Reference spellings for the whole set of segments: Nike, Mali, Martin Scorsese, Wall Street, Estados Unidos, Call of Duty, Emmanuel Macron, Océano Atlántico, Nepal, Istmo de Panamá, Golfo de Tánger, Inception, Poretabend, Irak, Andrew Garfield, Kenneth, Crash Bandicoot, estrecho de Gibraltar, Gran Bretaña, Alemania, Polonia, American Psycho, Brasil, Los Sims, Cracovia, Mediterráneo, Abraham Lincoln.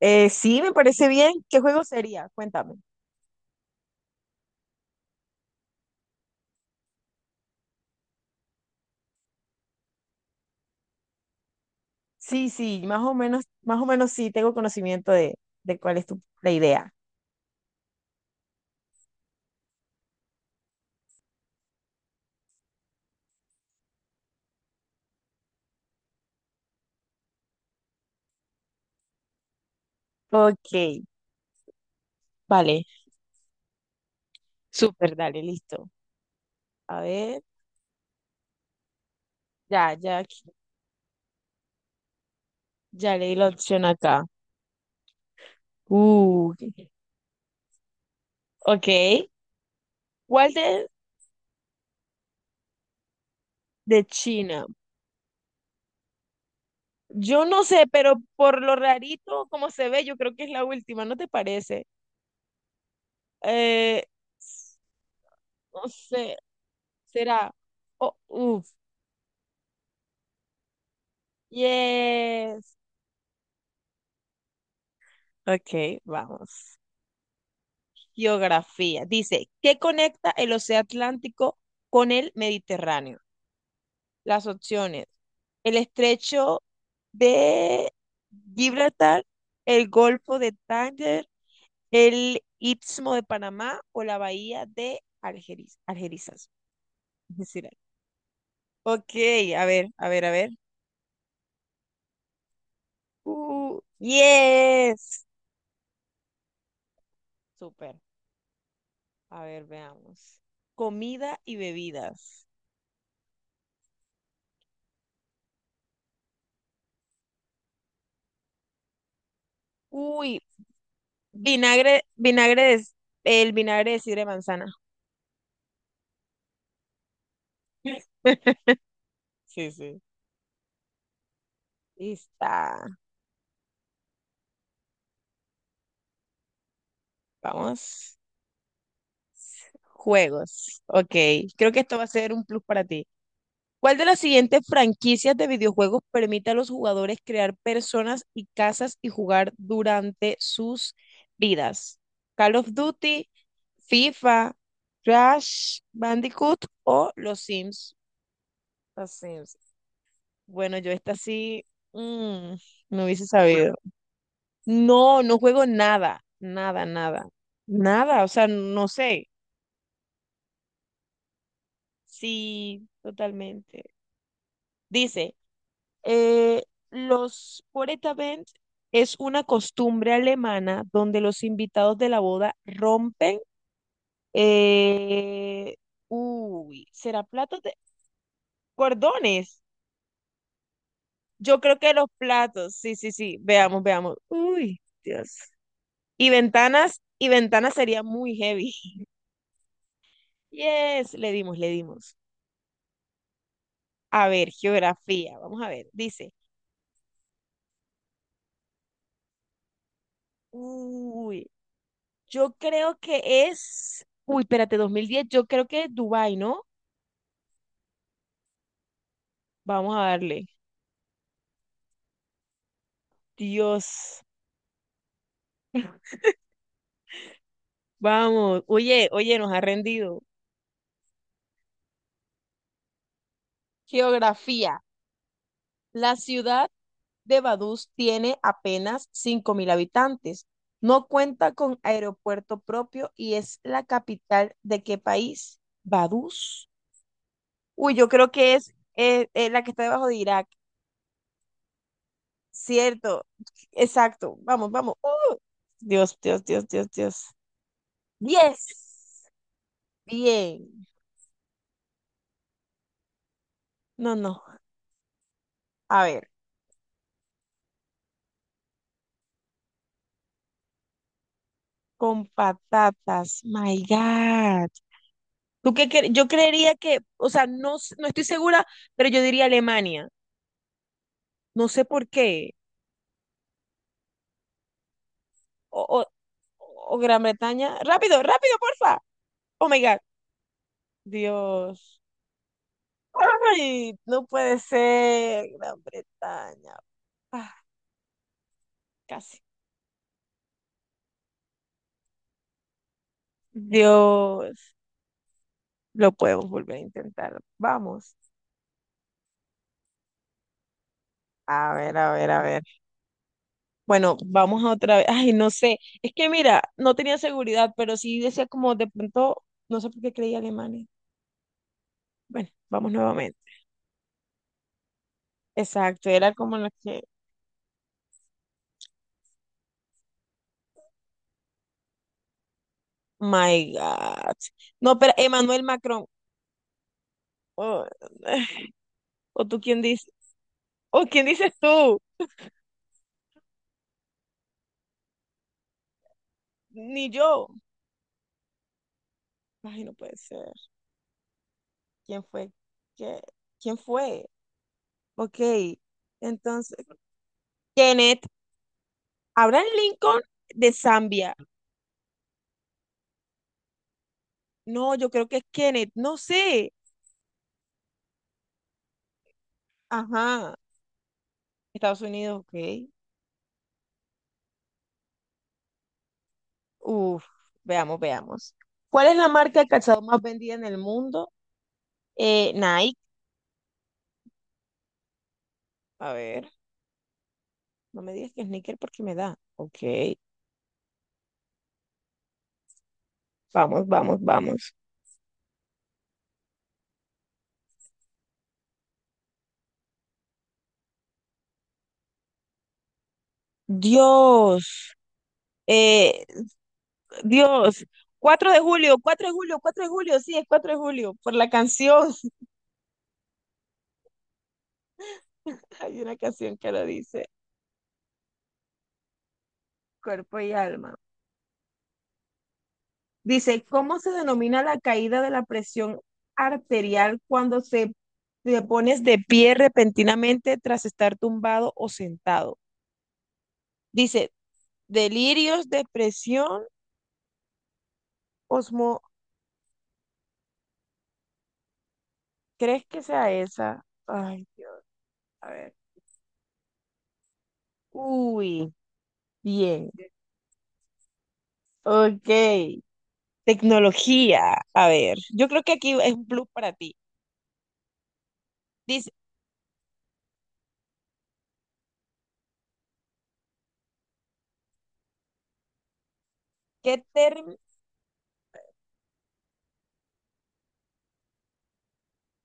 Sí, me parece bien. ¿Qué juego sería? Cuéntame. Sí, sí, más o menos sí tengo conocimiento de cuál es tu, la idea. Ok, vale. Súper, dale, listo. A ver, ya, ya, ya leí la opción acá. Uh, ok. ¿Cuál de China? Yo no sé, pero por lo rarito como se ve, yo creo que es la última, ¿no te parece? Eh, no sé, será. Oh, uf, yes. Ok, vamos. Geografía. Dice, ¿qué conecta el Océano Atlántico con el Mediterráneo? Las opciones. El estrecho de Gibraltar, el Golfo de Tánger, el Istmo de Panamá o la Bahía de Algeriz Algerizas. es decir, ok, a ver, a ver, a ver. Yes. Súper. A ver, veamos. Comida y bebidas. Uy, vinagre, vinagre de, el vinagre de sidra de manzana. Sí, sí. Y está. Vamos. Juegos. Ok. Creo que esto va a ser un plus para ti. ¿Cuál de las siguientes franquicias de videojuegos permite a los jugadores crear personas y casas y jugar durante sus vidas? ¿Call of Duty, FIFA, Crash Bandicoot o Los Sims? Los Sims. Bueno, yo esta sí mm, no hubiese sabido. No, no juego nada, nada, nada, nada, o sea, no sé. Sí, totalmente. Dice, eh, los Poretabend es una costumbre alemana donde los invitados de la boda rompen, eh, uy, ¿será platos de cordones? Yo creo que los platos, sí, sí, sí, veamos, veamos. Uy, Dios. Y ventanas sería muy heavy. Yes, le dimos, le dimos. A ver, geografía, vamos a ver. Dice, uy, yo creo que es, uy, espérate, 2010, yo creo que es Dubái, ¿no? Vamos a darle. Dios, vamos. Oye, oye, nos ha rendido. Geografía. La ciudad de Vaduz tiene apenas 5000 habitantes. No cuenta con aeropuerto propio y es la capital de qué país. Vaduz. Uy, yo creo que es la que está debajo de Irak. Cierto, exacto. Vamos, vamos. Oh, Dios, Dios, Dios, Dios, Dios. Diez. Bien. No, no. A ver, con patatas. My God. ¿Tú qué yo creería que, o sea, no, no estoy segura, pero yo diría Alemania. No sé por qué. O, o, o Gran Bretaña. Rápido, rápido, porfa. Oh my God. Dios. Ay, no puede ser. Gran Bretaña. Ah, casi. Dios. Lo podemos volver a intentar. Vamos. A ver, a ver, a ver. Bueno, vamos a otra vez. Ay, no sé. Es que mira, no tenía seguridad, pero sí decía como de pronto, no sé por qué creía Alemania. Bueno, vamos nuevamente. Exacto, era como la que. My God. No, pero Emmanuel Macron. Oh, ¿O tú quién dices? ¿O quién dices tú? Ni yo. Ay, no puede ser. ¿Quién fue? ¿Qué? ¿Quién fue? Ok. Entonces, Kenneth. Abraham Lincoln de Zambia. No, yo creo que es Kenneth, no sé. Ajá, Estados Unidos, ok. Uf, veamos, veamos. ¿Cuál es la marca de calzado más vendida en el mundo? Nike. A ver, no me digas que sneaker porque me da. Ok, vamos, vamos, vamos. Dios, eh, Dios. 4 de julio, cuatro de julio, cuatro de julio, sí, es cuatro de julio, por la canción. Hay una canción que lo dice, cuerpo y alma. Dice, ¿cómo se denomina la caída de la presión arterial cuando se te pones de pie repentinamente tras estar tumbado o sentado? Dice, delirios, depresión, osmo... ¿Crees que sea esa? Ay, Dios, a ver. Uy, bien. Ok. Tecnología. A ver, yo creo que aquí es un plus para ti. Dice, ¿qué término?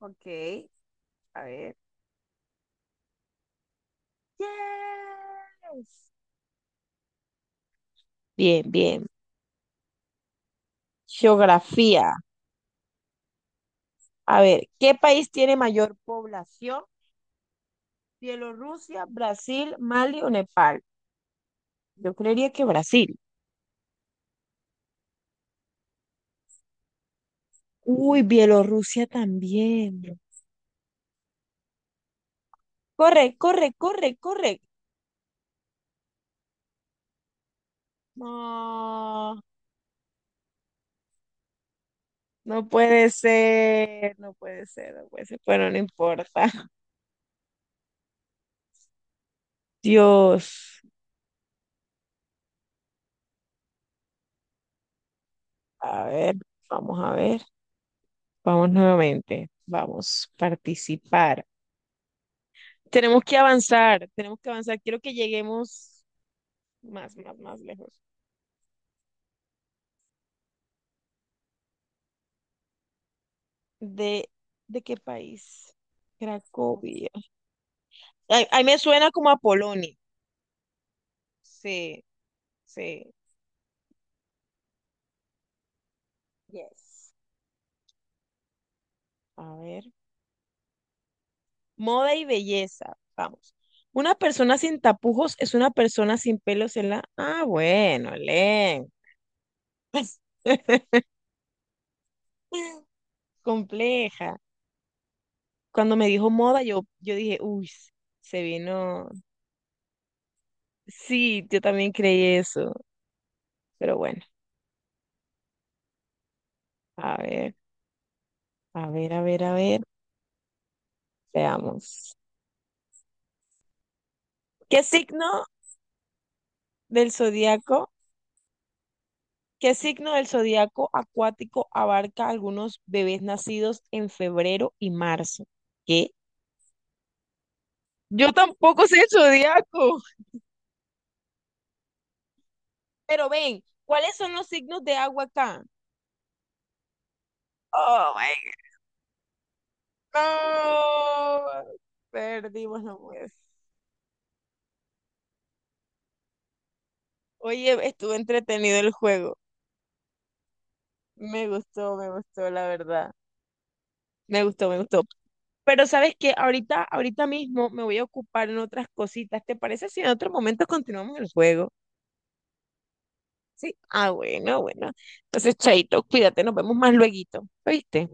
Ok, a ver. Yes. Bien, bien. Geografía. A ver, ¿qué país tiene mayor población? Bielorrusia, Brasil, Mali o Nepal. Yo creería que Brasil. Uy, Bielorrusia también. Corre, corre, corre, corre. No, no puede ser, no puede ser, no puede ser. Bueno, no importa. Dios. A ver, a ver. Vamos nuevamente. Vamos, participar. Tenemos que avanzar, tenemos que avanzar. Quiero que lleguemos más, más, más lejos. ¿De, de qué país? Cracovia. Ay, ay, me suena como a Polonia. Sí, sí. Yes. A ver. Moda y belleza. Vamos. Una persona sin tapujos es una persona sin pelos en la... Ah, bueno, Len. Compleja. Cuando me dijo moda, yo dije, uy, se vino. Sí, yo también creí eso. Pero bueno, a ver, a ver, a ver, a ver. Veamos. ¿Qué signo del zodiaco? ¿Qué signo del zodiaco acuático abarca algunos bebés nacidos en febrero y marzo? ¿Qué? Yo tampoco sé el zodiaco. Pero ven, ¿cuáles son los signos de agua acá? Oh my God. No. Perdimos, no pues. Oye, estuvo entretenido el juego. Me gustó, la verdad. Me gustó, me gustó. Pero sabes que ahorita, ahorita mismo me voy a ocupar en otras cositas. ¿Te parece si en otro momento continuamos el juego? Sí. Ah, bueno, bueno. Entonces, Chaito, cuídate, nos vemos más lueguito. ¿Oíste?